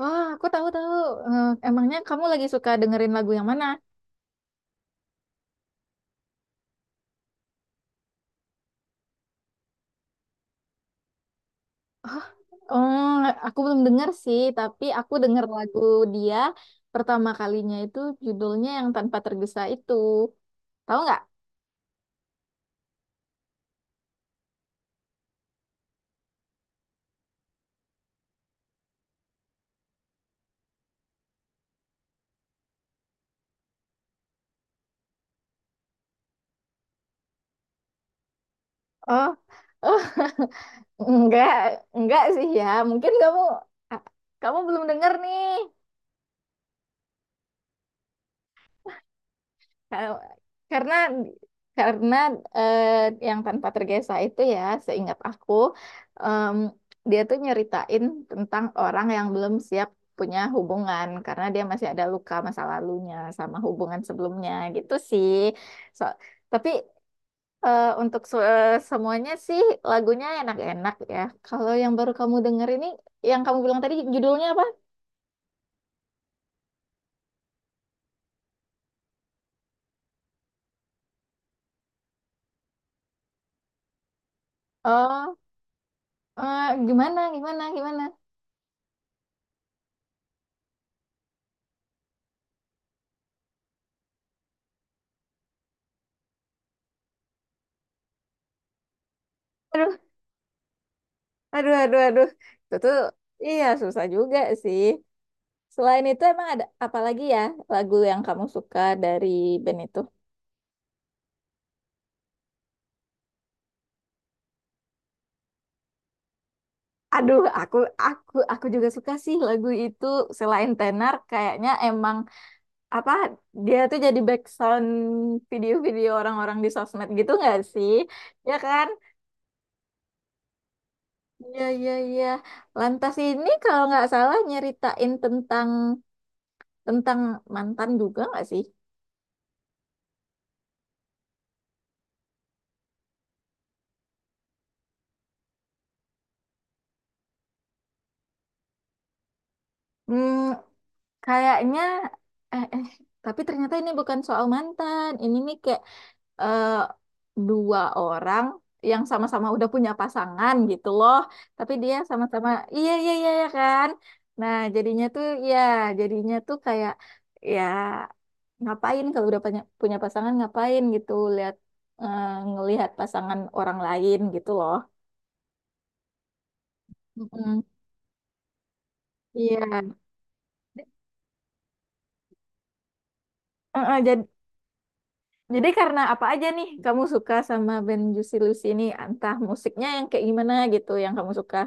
Oh, aku tahu tahu. Emangnya kamu lagi suka dengerin lagu yang mana? Oh, oh, aku belum denger sih, tapi aku denger lagu dia pertama kalinya itu judulnya yang Tanpa Tergesa itu. Tahu nggak? Oh, oh, enggak, enggak sih ya. Mungkin kamu a- kamu belum denger nih. Kalau- Karena karena eh, yang tanpa tergesa itu ya, seingat aku, em, dia tuh nyeritain tentang orang yang belum siap punya hubungan karena dia masih ada luka masa lalunya sama hubungan sebelumnya gitu sih. So, tapi untuk semuanya sih lagunya enak-enak ya. Kalau yang baru kamu denger ini, yang kamu bilang tadi judulnya apa? Oh, gimana, gimana, gimana? Aduh, aduh, aduh. Itu tuh iya susah juga sih. Selain itu emang ada apa lagi ya lagu yang kamu suka dari band itu? Aduh, aku juga suka sih lagu itu selain tenar kayaknya emang apa dia tuh jadi background video-video orang-orang di sosmed gitu nggak sih? Ya kan? Iya, iya, iya. Lantas ini kalau nggak salah nyeritain tentang tentang mantan juga nggak sih? Hmm, Kayaknya eh, eh tapi ternyata ini bukan soal mantan. Ini nih kayak eh, dua orang yang sama-sama udah punya pasangan gitu loh. Tapi dia sama-sama iya iya iya ya kan. Nah, jadinya tuh ya jadinya tuh kayak ya ngapain kalau udah punya punya pasangan ngapain gitu eh, ngelihat pasangan orang lain gitu loh. Mm-mm. Iya. Heeh, Jadi karena apa aja nih kamu suka sama band Juicy Lucy ini? Entah musiknya yang kayak gimana gitu yang kamu suka.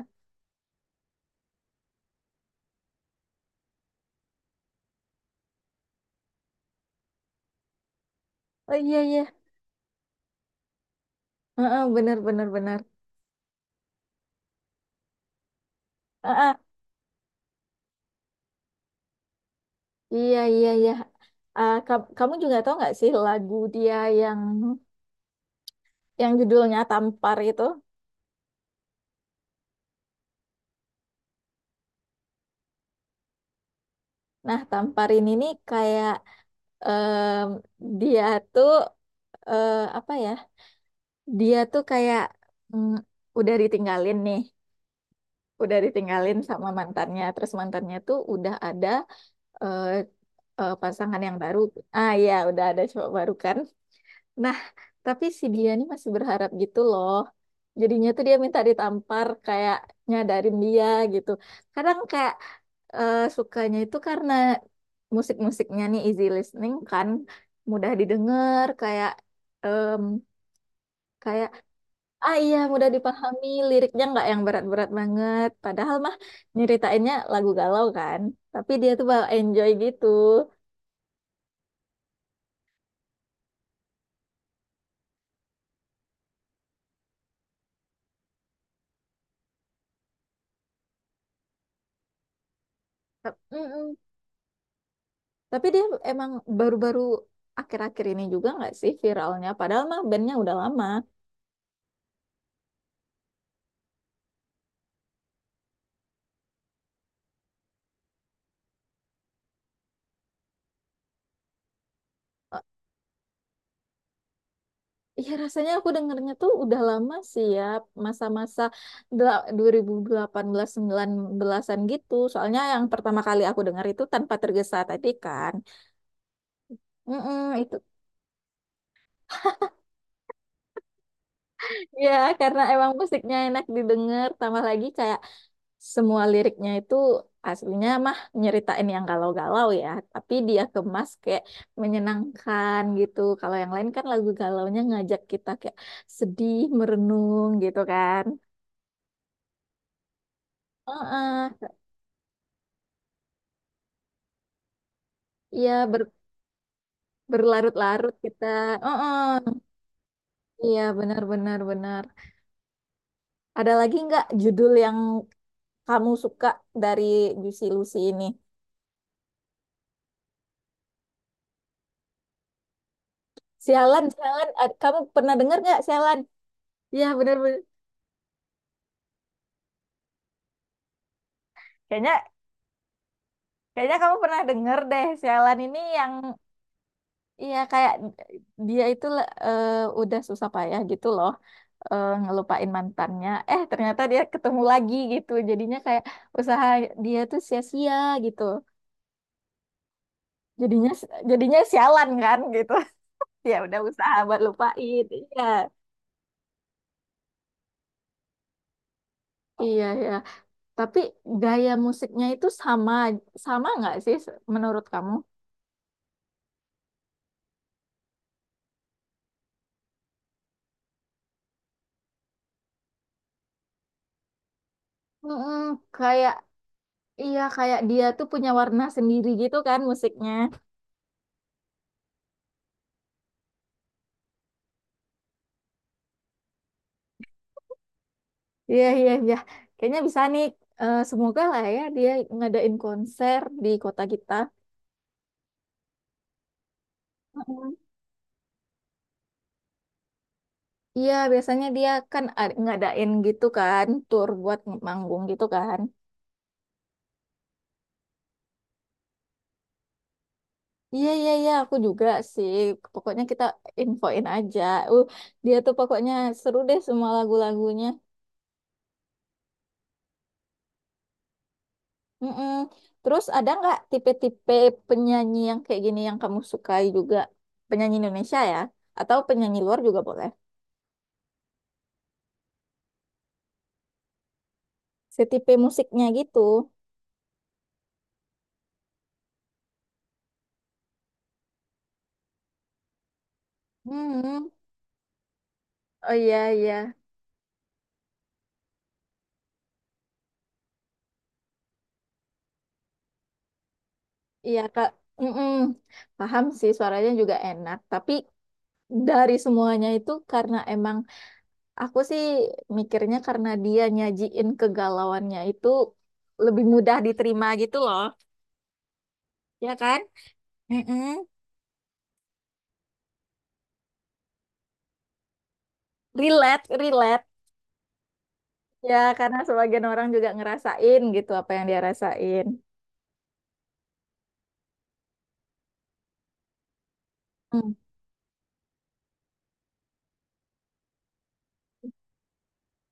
Oh iya iya, Heeh, bener bener bener. Heeh, iya iya iya. Ah, kamu juga tahu nggak sih lagu dia yang yang judulnya Tampar itu? Nah, Tampar ini nih kayak em, dia tuh apa ya? Dia tuh kayak mm, udah ditinggalin nih, udah ditinggalin sama mantannya. Terus mantannya tuh udah ada eh, pasangan yang baru. Ah ya, udah ada cowok baru kan. Nah, tapi si dia ini masih berharap gitu loh. Jadinya tuh dia minta ditampar kayak nyadarin dia gitu. Kadang kayak sukanya itu karena musik-musiknya nih easy listening kan, mudah didengar em, kayak ah iya mudah dipahami, liriknya nggak yang berat-berat banget. Padahal mah nyeritainnya lagu galau kan, tapi dia tuh bawa enjoy gitu. Mm-mm. Tapi dia emang baru-baru akhir-akhir ini juga nggak sih viralnya? Padahal mah bandnya udah lama. Eh, Iya rasanya aku dengernya tuh udah lama sih ya. Masa-masa 2018-19an gitu. Soalnya yang pertama kali aku denger itu Tanpa Tergesa tadi kan. Mm-mm, itu. Ya karena emang musiknya enak didengar. Tambah lagi kayak semua liriknya itu aslinya mah nyeritain yang galau-galau ya, tapi dia kemas kayak menyenangkan gitu. Kalau yang lain kan lagu galaunya ngajak kita kayak sedih, merenung gitu kan. Heeh. Iya berlarut-larut kita. Heeh. Iya benar-benar benar. Ada lagi nggak judul yang kamu suka dari Juicy Lucy ini? Sialan, sialan. Kamu pernah dengar nggak sialan? Iya benar-benar. Kayaknya Kayaknya kamu pernah denger deh, sialan ini yang iya kayak dia itu eh, udah susah payah gitu loh ngelupain mantannya. Ternyata dia ketemu lagi gitu. Jadinya kayak usaha dia tuh sia-sia gitu. Jadinya jadinya sialan kan gitu. Ya udah usaha buat lupain. Iya. Iya ya. Tapi gaya musiknya itu sama sama nggak sih menurut kamu? Mm-mm, kayak iya kayak dia tuh punya warna sendiri gitu kan musiknya. Iya, iya, iya. Kayaknya bisa nih. Semoga lah ya dia ngadain konser di kota kita. Mm. Iya, biasanya dia kan ngadain gitu kan, tour buat manggung gitu kan. Iya, iya, iya, aku juga sih. Pokoknya kita infoin aja. Uh, dia tuh pokoknya seru deh semua lagu-lagunya. Mm-mm. Terus ada nggak tipe-tipe penyanyi yang kayak gini yang kamu sukai juga? Penyanyi Indonesia ya? Atau penyanyi luar juga boleh? Setipe musiknya gitu. Hmm, oh iya iya iya Kak, Mm-mm. Paham sih suaranya juga enak. Tapi dari semuanya itu karena emang aku sih mikirnya karena dia nyajiin kegalauannya itu lebih mudah diterima gitu loh, ya kan? Mm-mm. Relate, relate. Ya karena sebagian orang juga ngerasain gitu apa yang dia rasain. Hmm.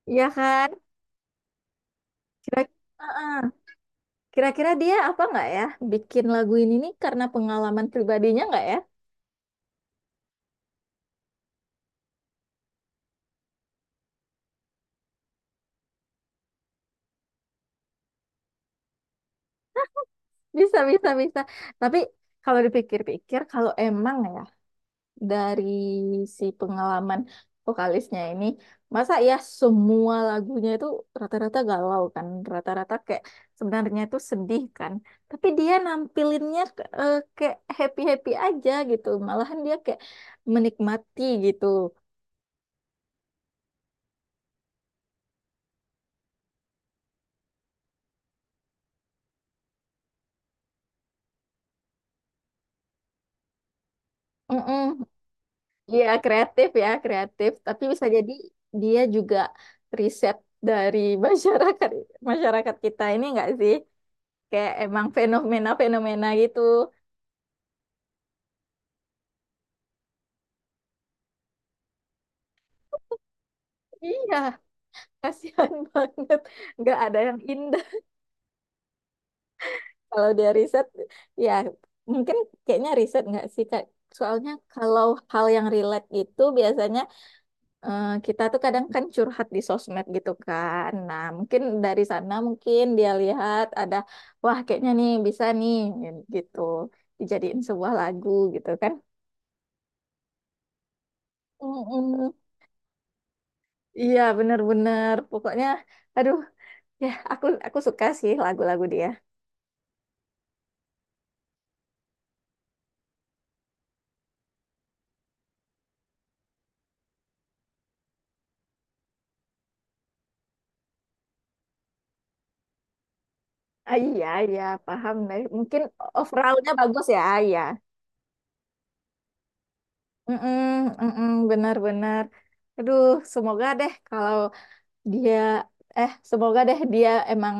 Iya kan? Kira Uh-uh. Kira-kira dia apa nggak ya bikin lagu ini nih karena pengalaman pribadinya nggak ya? Bisa, bisa, bisa. Tapi kalau dipikir-pikir, kalau emang ya dari si pengalaman vokalisnya ini, masa ya semua lagunya itu rata-rata galau kan, rata-rata kayak sebenarnya itu sedih kan. Tapi dia nampilinnya kayak happy-happy aja gitu, malahan dia kayak menikmati gitu. Mm-mm. Iya, kreatif ya, kreatif. Tapi bisa jadi dia juga riset dari masyarakat masyarakat kita ini enggak sih? Kayak emang fenomena-fenomena gitu. Iya, kasihan banget. Nggak ada yang indah. Kalau dia riset, ya mungkin kayaknya riset nggak sih, Kak? Soalnya kalau hal yang relate gitu biasanya kita tuh kadang kan curhat di sosmed gitu kan. Nah, mungkin dari sana mungkin dia lihat ada, wah kayaknya nih bisa nih gitu. Dijadiin sebuah lagu gitu kan. Mm-mm. Iya, bener-bener. Pokoknya, aduh. Ya, aku suka sih lagu-lagu dia. Ah, iya, iya, paham deh. Mungkin overallnya bagus ya, ah, iya. Mm-mm, mm-mm, benar-benar. Aduh, semoga deh kalau dia semoga deh dia emang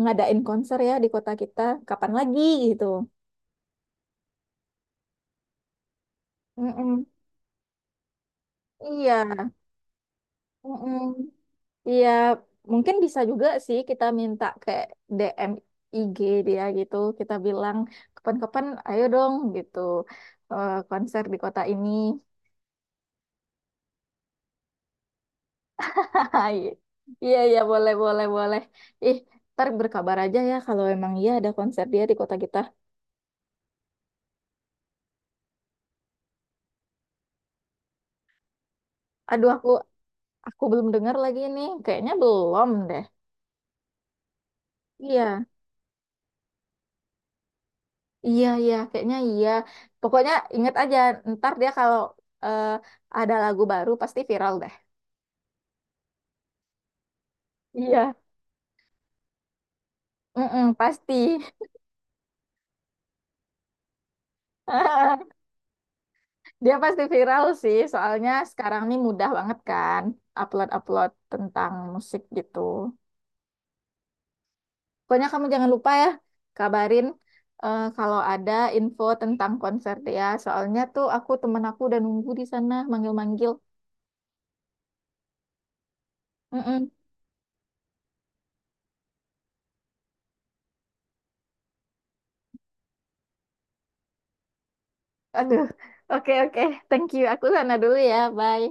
ngadain konser ya di kota kita kapan lagi gitu. Mm-mm, iya. Mm-mm. Iya, mungkin bisa juga sih kita minta kayak DM IG dia gitu. Kita bilang kapan-kapan ayo dong gitu konser di kota ini. Hai. Iya, iya boleh, boleh, boleh. Ih, ntar berkabar aja ya kalau emang iya ada konser dia di kota kita. Aduh, aku belum dengar lagi nih. Kayaknya belum deh. Iya, iya, iya, kayaknya iya. Pokoknya inget aja, ntar dia kalau eh, ada lagu baru pasti viral deh. Iya. Mm-mm, pasti. Dia pasti viral sih, soalnya sekarang nih mudah banget kan upload-upload tentang musik gitu. Pokoknya kamu jangan lupa ya, kabarin kalau ada info tentang konser dia. Soalnya tuh aku temen aku udah nunggu di sana manggil-manggil. Mm-mm. Aduh, oke oke, Thank you. Aku sana dulu ya, bye.